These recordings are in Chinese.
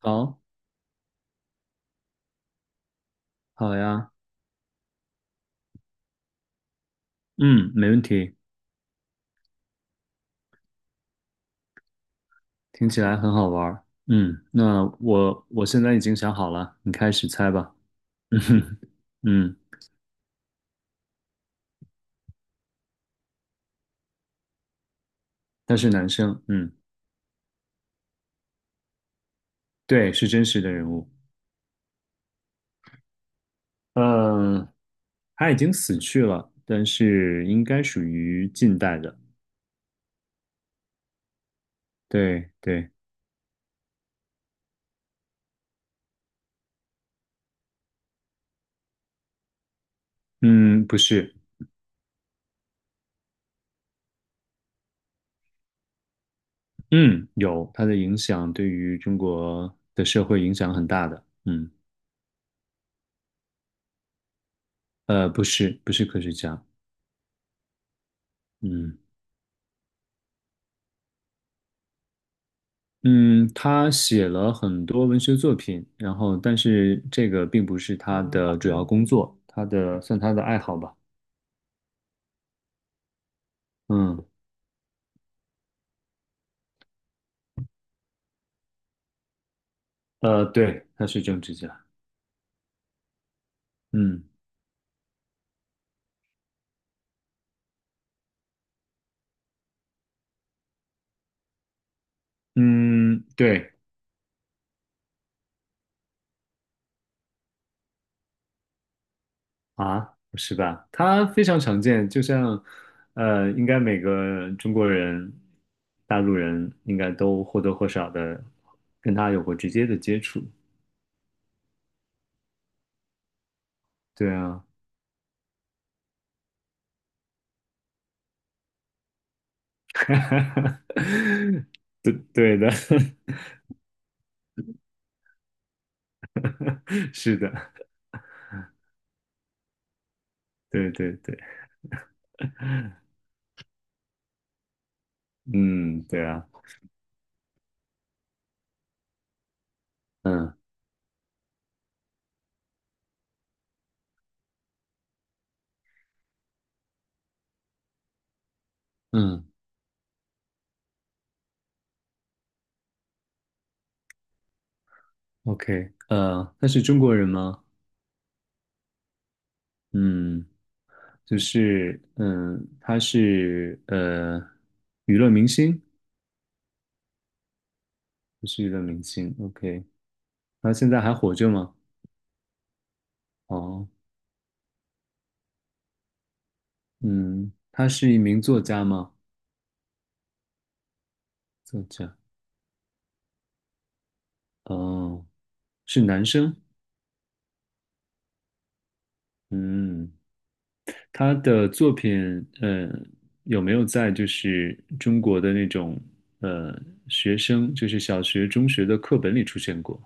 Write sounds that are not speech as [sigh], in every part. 好，好呀，嗯，没问题，听起来很好玩儿。嗯，那我现在已经想好了，你开始猜吧。[laughs] 嗯哼，嗯，他是男生，嗯，对，是真实的人物。嗯，他已经死去了，但是应该属于近代的。对对，嗯，不是，嗯，有，他的影响对于中国的社会影响很大的。嗯，不是，不是科学家。嗯。嗯，他写了很多文学作品，然后但是这个并不是他的主要工作，他的算他的爱好吧。嗯，对，他是政治家。嗯嗯，对啊，不是吧？他非常常见，就像应该每个中国人、大陆人应该都或多或少的跟他有过直接的接触。对啊，[laughs] 对对的，[laughs] 是的，对对对。嗯，对啊，嗯嗯，OK，他是中国人吗？嗯，就是嗯，他是娱乐明星，不是娱乐明星，OK，他现在还活着吗？哦，嗯，他是一名作家吗？作家，哦，是男生，嗯，他的作品，呃，有没有在就是中国的那种呃学生，就是小学、中学的课本里出现过？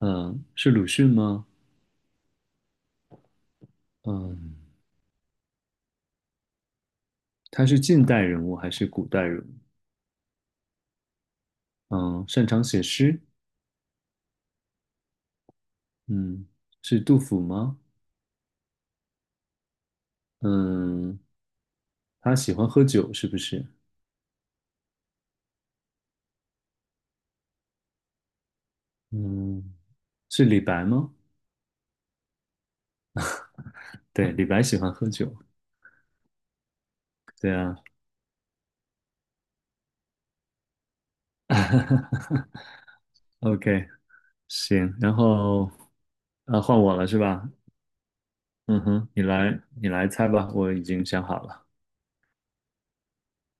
嗯，是鲁迅吗？嗯，他是近代人物还是古代人物？嗯，擅长写诗。嗯，是杜甫吗？嗯，他喜欢喝酒是不是？嗯，是李白吗？对，李白喜欢喝酒。对啊。[laughs] OK，行，然后啊，换我了是吧？嗯哼，你来，你来猜吧，我已经想好了。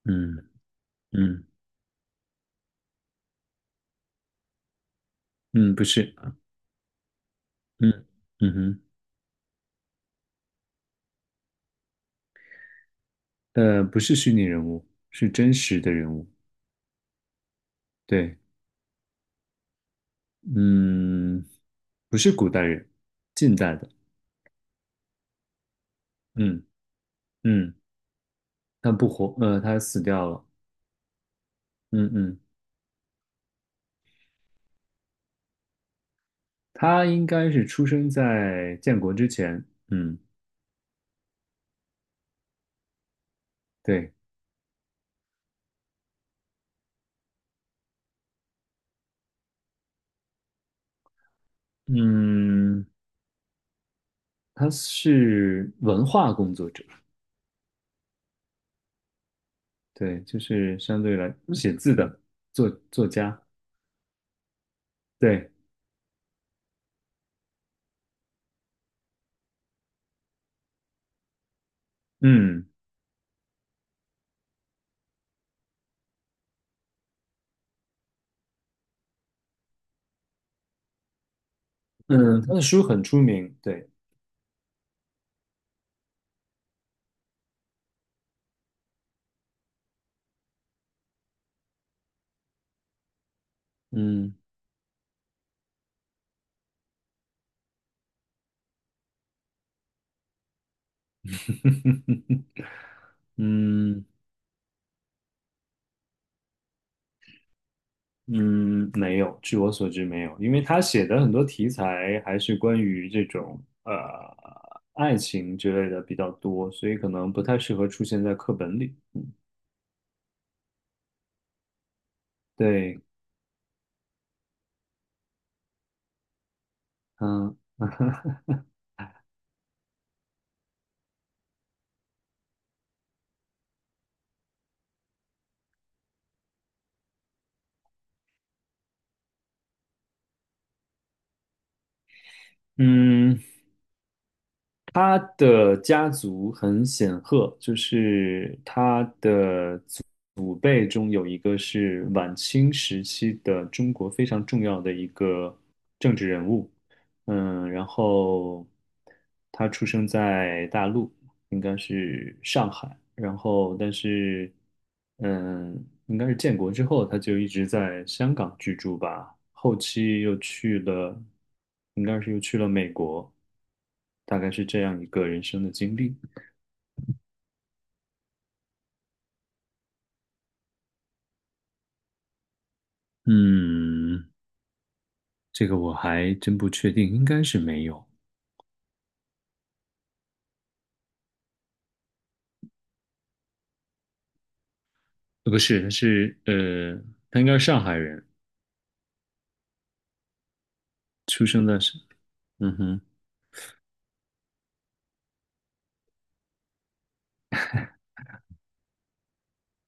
嗯嗯嗯，不是，嗯嗯哼，不是虚拟人物，是真实的人物。对，嗯，不是古代人，近代的，嗯嗯，他不活，他死掉了，嗯嗯，他应该是出生在建国之前，嗯，对，嗯，他是文化工作者，对，就是相对来写字的作家，对，嗯嗯，他的书很出名，对，嗯 [laughs] 嗯。嗯，没有，据我所知没有，因为他写的很多题材还是关于这种爱情之类的比较多，所以可能不太适合出现在课本里。对，嗯嗯，他的家族很显赫，就是他的祖辈中有一个是晚清时期的中国非常重要的一个政治人物，嗯，然后他出生在大陆。应该是上海，然后但是，嗯，应该是建国之后，他就一直在香港居住吧，后期又去了，应该是又去了美国，大概是这样一个人生的经历。嗯，这个我还真不确定，应该是没有，呃不是，他是他应该是上海人，出生的是，嗯哼，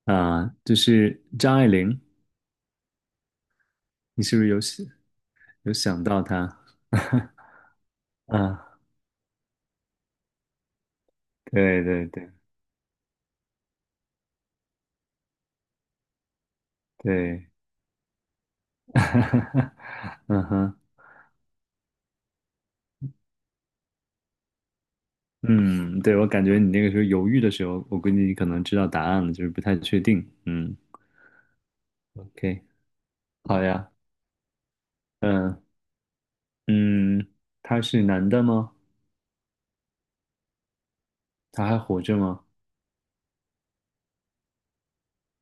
啊，就是张爱玲，你是不是有想有想到她？[laughs] 啊？对对对对，[laughs] 嗯哼，嗯，对，我感觉你那个时候犹豫的时候，我估计你可能知道答案了，就是不太确定。嗯，OK，好呀，嗯嗯，他是男的吗？他还活着吗？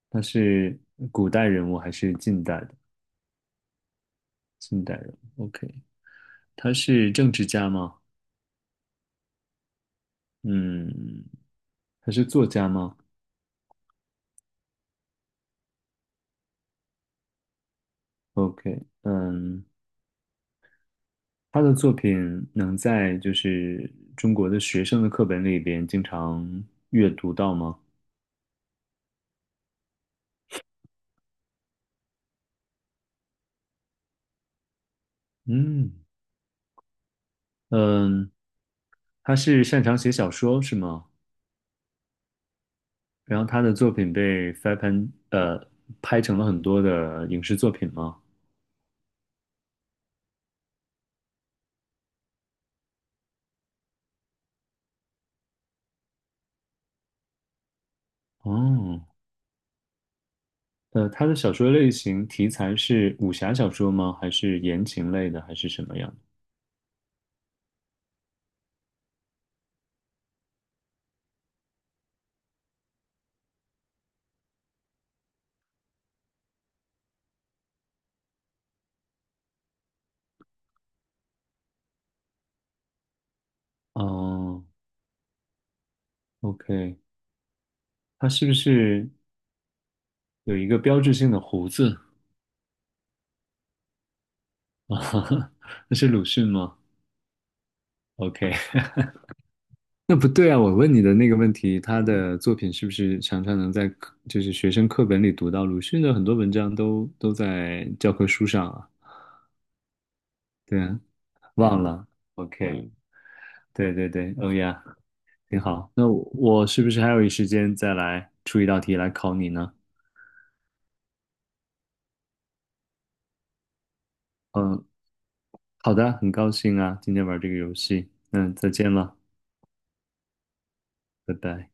他是古代人物还是近代的？近代人物，OK，他是政治家吗？嗯，他是作家吗？OK，嗯。他的作品能在就是中国的学生的课本里边经常阅读到吗？嗯嗯，他是擅长写小说是吗？然后他的作品被翻拍呃拍成了很多的影视作品吗？哦，他的小说类型题材是武侠小说吗？还是言情类的，还是什么样的？哦，OK，他是不是有一个标志性的胡子？啊，[laughs] 那是鲁迅吗？OK。那不对啊！我问你的那个问题，他的作品是不是常常能在课就是学生课本里读到？鲁迅的很多文章都在教科书上啊。对啊，忘了。OK，嗯对对对，欧呀，挺好。那我是不是还有一时间再来出一道题来考你呢？嗯，好的，很高兴啊，今天玩这个游戏。嗯，再见了，拜拜。